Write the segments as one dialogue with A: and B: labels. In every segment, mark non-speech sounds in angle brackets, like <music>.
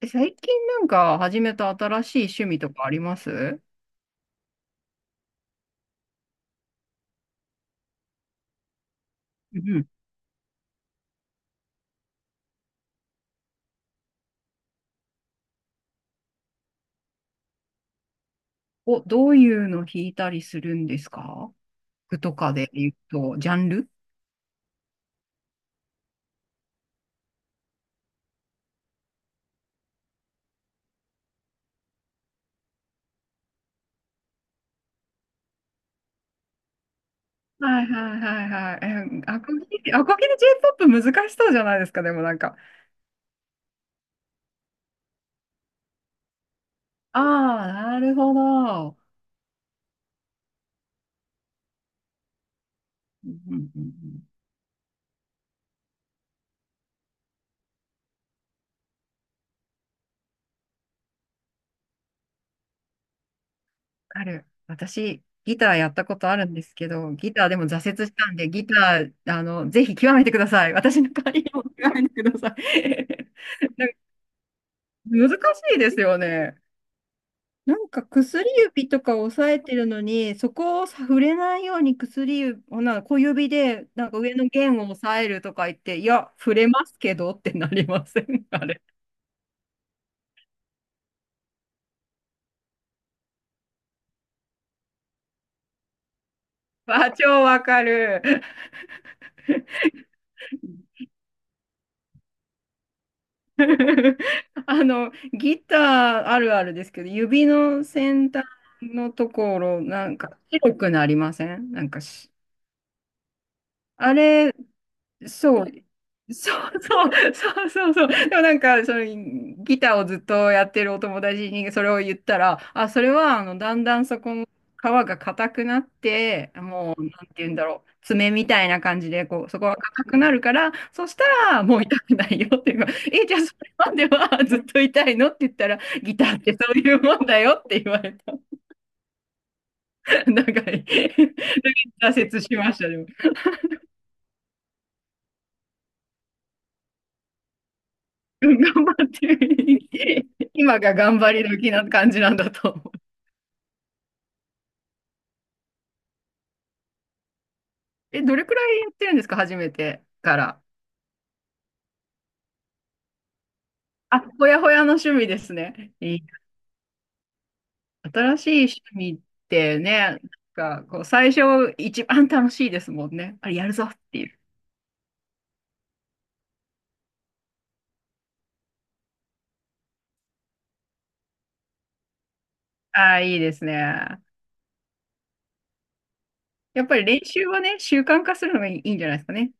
A: え、最近始めた新しい趣味とかあります？うん。お、どういうの弾いたりするんですか？服とかで言うと、ジャンル？はいはいはいはい。え、アコギ、アコギで J-POP 難しそうじゃないですか、でもなんか。ああ、なるほど。うんうんうんうん。ある。私、ギターやったことあるんですけど、ギターでも挫折したんで、ギター、あの、ぜひ極めてください。私の代わりにも極めてください。<laughs> なんか難しいですよね。なんか薬指とか押さえてるのに、そこを触れないように薬指、ほな小指でなんか上の弦を押さえるとか言って、いや、触れますけどってなりません？ <laughs> あれ。あ、超わかる。<laughs> あの、ギターあるあるですけど、指の先端のところ、なんか白くなりません？なんかし、あれ、そう。そうそうそうそうそう。でもなんか、そのギターをずっとやってるお友達にそれを言ったら、あ、それはだんだんそこの皮が硬くなって、もう、なんて言うんだろう、爪みたいな感じで、こう、そこが硬くなるから、そしたらもう痛くないよっていうか、え、じゃあそれまではずっと痛いの？って言ったら、ギターってそういうもんだよって言われた。なんか、<laughs> 挫折しましたね。うん、頑張ってる。<laughs> 今が頑張り時な感じなんだと思う。え、どれくらいやってるんですか、初めてから？あ、ほやほやの趣味ですね。いい、新しい趣味ってね、なんかこう最初一番楽しいですもんね。あれやるぞっていう。ああ、いいですね。やっぱり練習はね、習慣化するのがいいんじゃないですかね。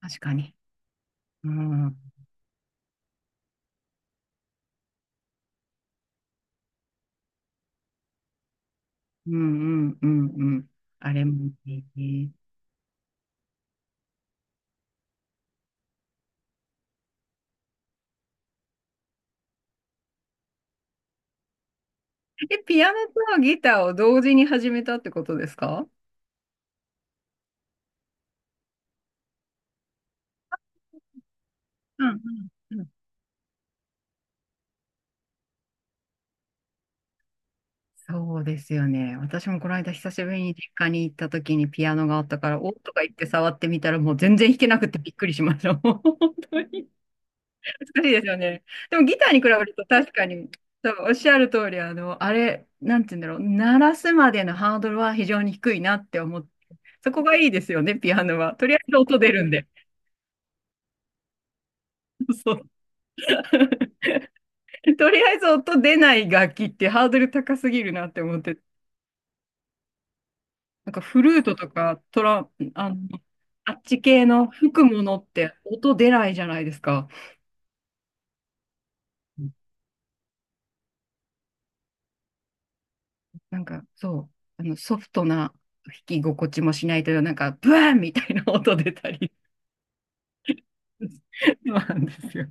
A: 確かに。うん、うん、うん、うん、うん。あれもいい。え、ピアノとギターを同時に始めたってことですか？うんうんうん。そうですよね。私もこの間久しぶりに実家に行った時にピアノがあったから、おっとか言って触ってみたらもう全然弾けなくてびっくりしました。<laughs> もう本当に難しいですよね。でもギターに比べると確かに、そうおっしゃる通り、あの、あれ、なんて言うんだろう、鳴らすまでのハードルは非常に低いなって思って、そこがいいですよね、ピアノは。とりあえず音出るんで。<laughs> そう。<laughs> とりあえず音出ない楽器ってハードル高すぎるなって思って、なんかフルートとかトラ、あの、あっち系の吹くものって音出ないじゃないですか。うん、なんかそう、あのソフトな弾き心地もしないという、なんかブワーンみたいな音出たり。そうなんですよ。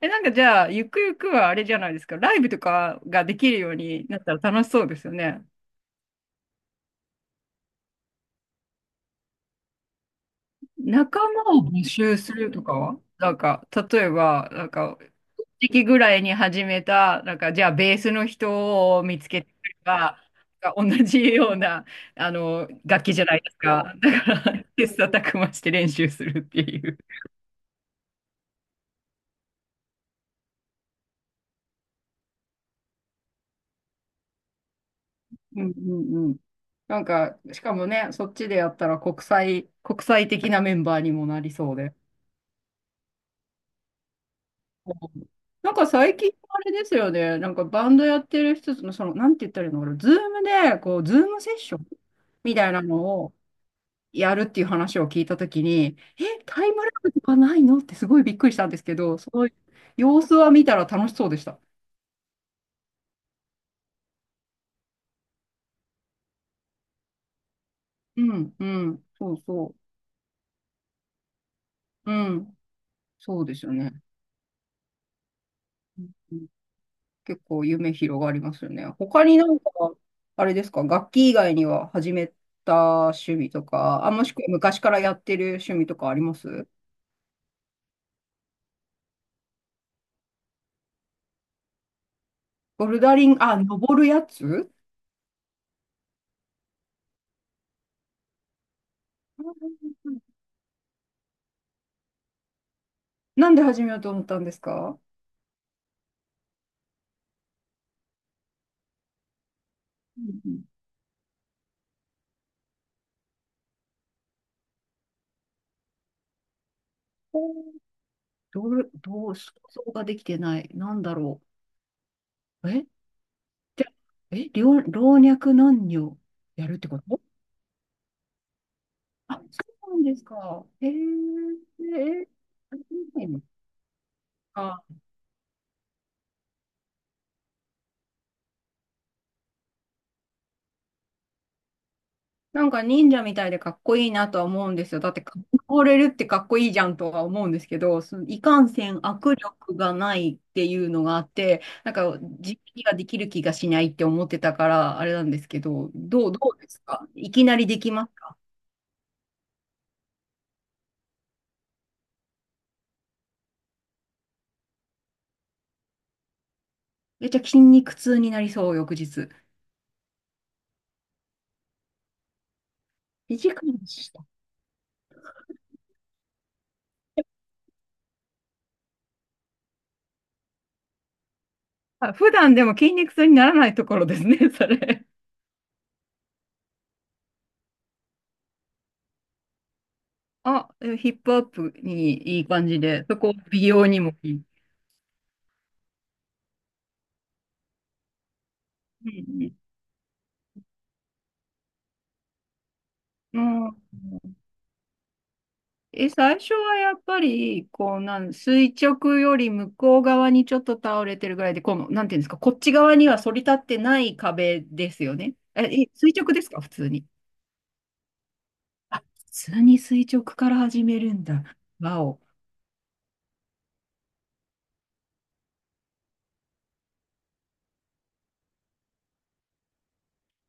A: え、なんかじゃあ、ゆくゆくはあれじゃないですか、ライブとかができるようになったら楽しそうですよね。仲間を募集するとかはなんか、例えば、なんか時期ぐらいに始めた、なんか、じゃあ、ベースの人を見つけてくれば、なんか同じような、あの、楽器じゃないですか。だから、切磋琢磨して練習するっていう。うんうんうん。なんか、しかもね、そっちでやったら国際、国際的なメンバーにもなりそうで。うん。なんか最近あれですよね、なんかバンドやってる人の、その、なんて言ったらいいのかな、ズームで、こう、ズームセッションみたいなのをやるっていう話を聞いたときに、え、タイムラグとかないの？ってすごいびっくりしたんですけど、その様子は見たら楽しそうでした。うん、うん、そうそう。うん、そうですよね。うん、結構夢広がりますよね。他になんか、あれですか、楽器以外には始めた趣味とか、あ、もしくは昔からやってる趣味とかあります？ボルダリング、あ、登るやつ？うん。なんで始めようと思ったんですか？うん。どう、どう、想像ができてない。なんだろう。え、じゃ、え、老若男女やるってこと？あ、そうなんですか。へえ、えー、あ、なんか忍者みたいでかっこいいなとは思うんですよ。だって、か倒れるってかっこいいじゃんとは思うんですけど、そのいかんせん握力がないっていうのがあって、なんか実技ができる気がしないって思ってたから、あれなんですけど、どうですか、いきなりできます？めっちゃ筋肉痛になりそう、翌日。2か間でした。あ、普段でも筋肉痛にならないところですね、<laughs> それ。あ、でもヒップアップにいい感じで、そこ美容にもいい。うん、うん。え、最初はやっぱり、こう、なん、垂直より向こう側にちょっと倒れてるぐらいで、この、なんていうんですか、こっち側には反り立ってない壁ですよね。え、え、垂直ですか、普通に？あ、普通に垂直から始めるんだ。わお。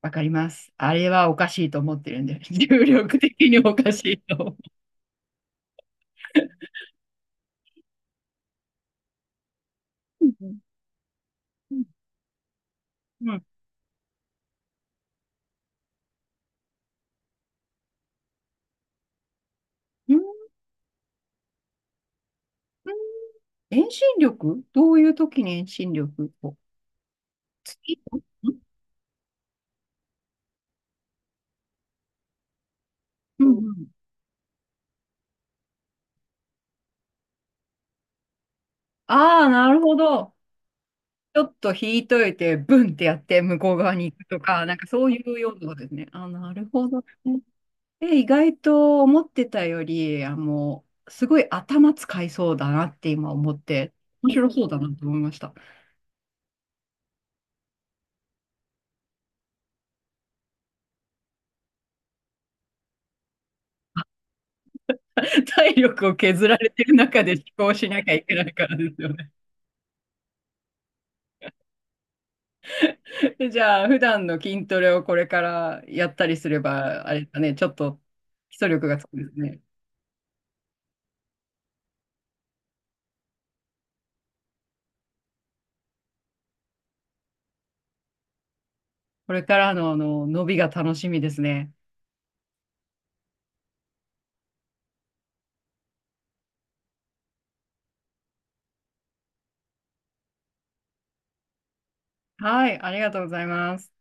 A: わかります。あれはおかしいと思ってるんで、<laughs> 重力的におかしいと思う。うんうんうん、うん、遠心力？どういう時に遠心力を？月、うんうん。ああ、なるほど。ちょっと引いといて、ブンってやって向こう側に行くとか、なんかそういうようなことですね。あ、なるほどね。え、意外と思ってたより、あの、すごい頭使いそうだなって今思って、面白そうだなと思いました。体力を削られてる中で思考しなきゃいけないからですよね。<laughs> で、じゃあ、普段の筋トレをこれからやったりすれば、あれだね、ちょっと基礎力がつくんですね。これからの、あの伸びが楽しみですね。はい、ありがとうございます。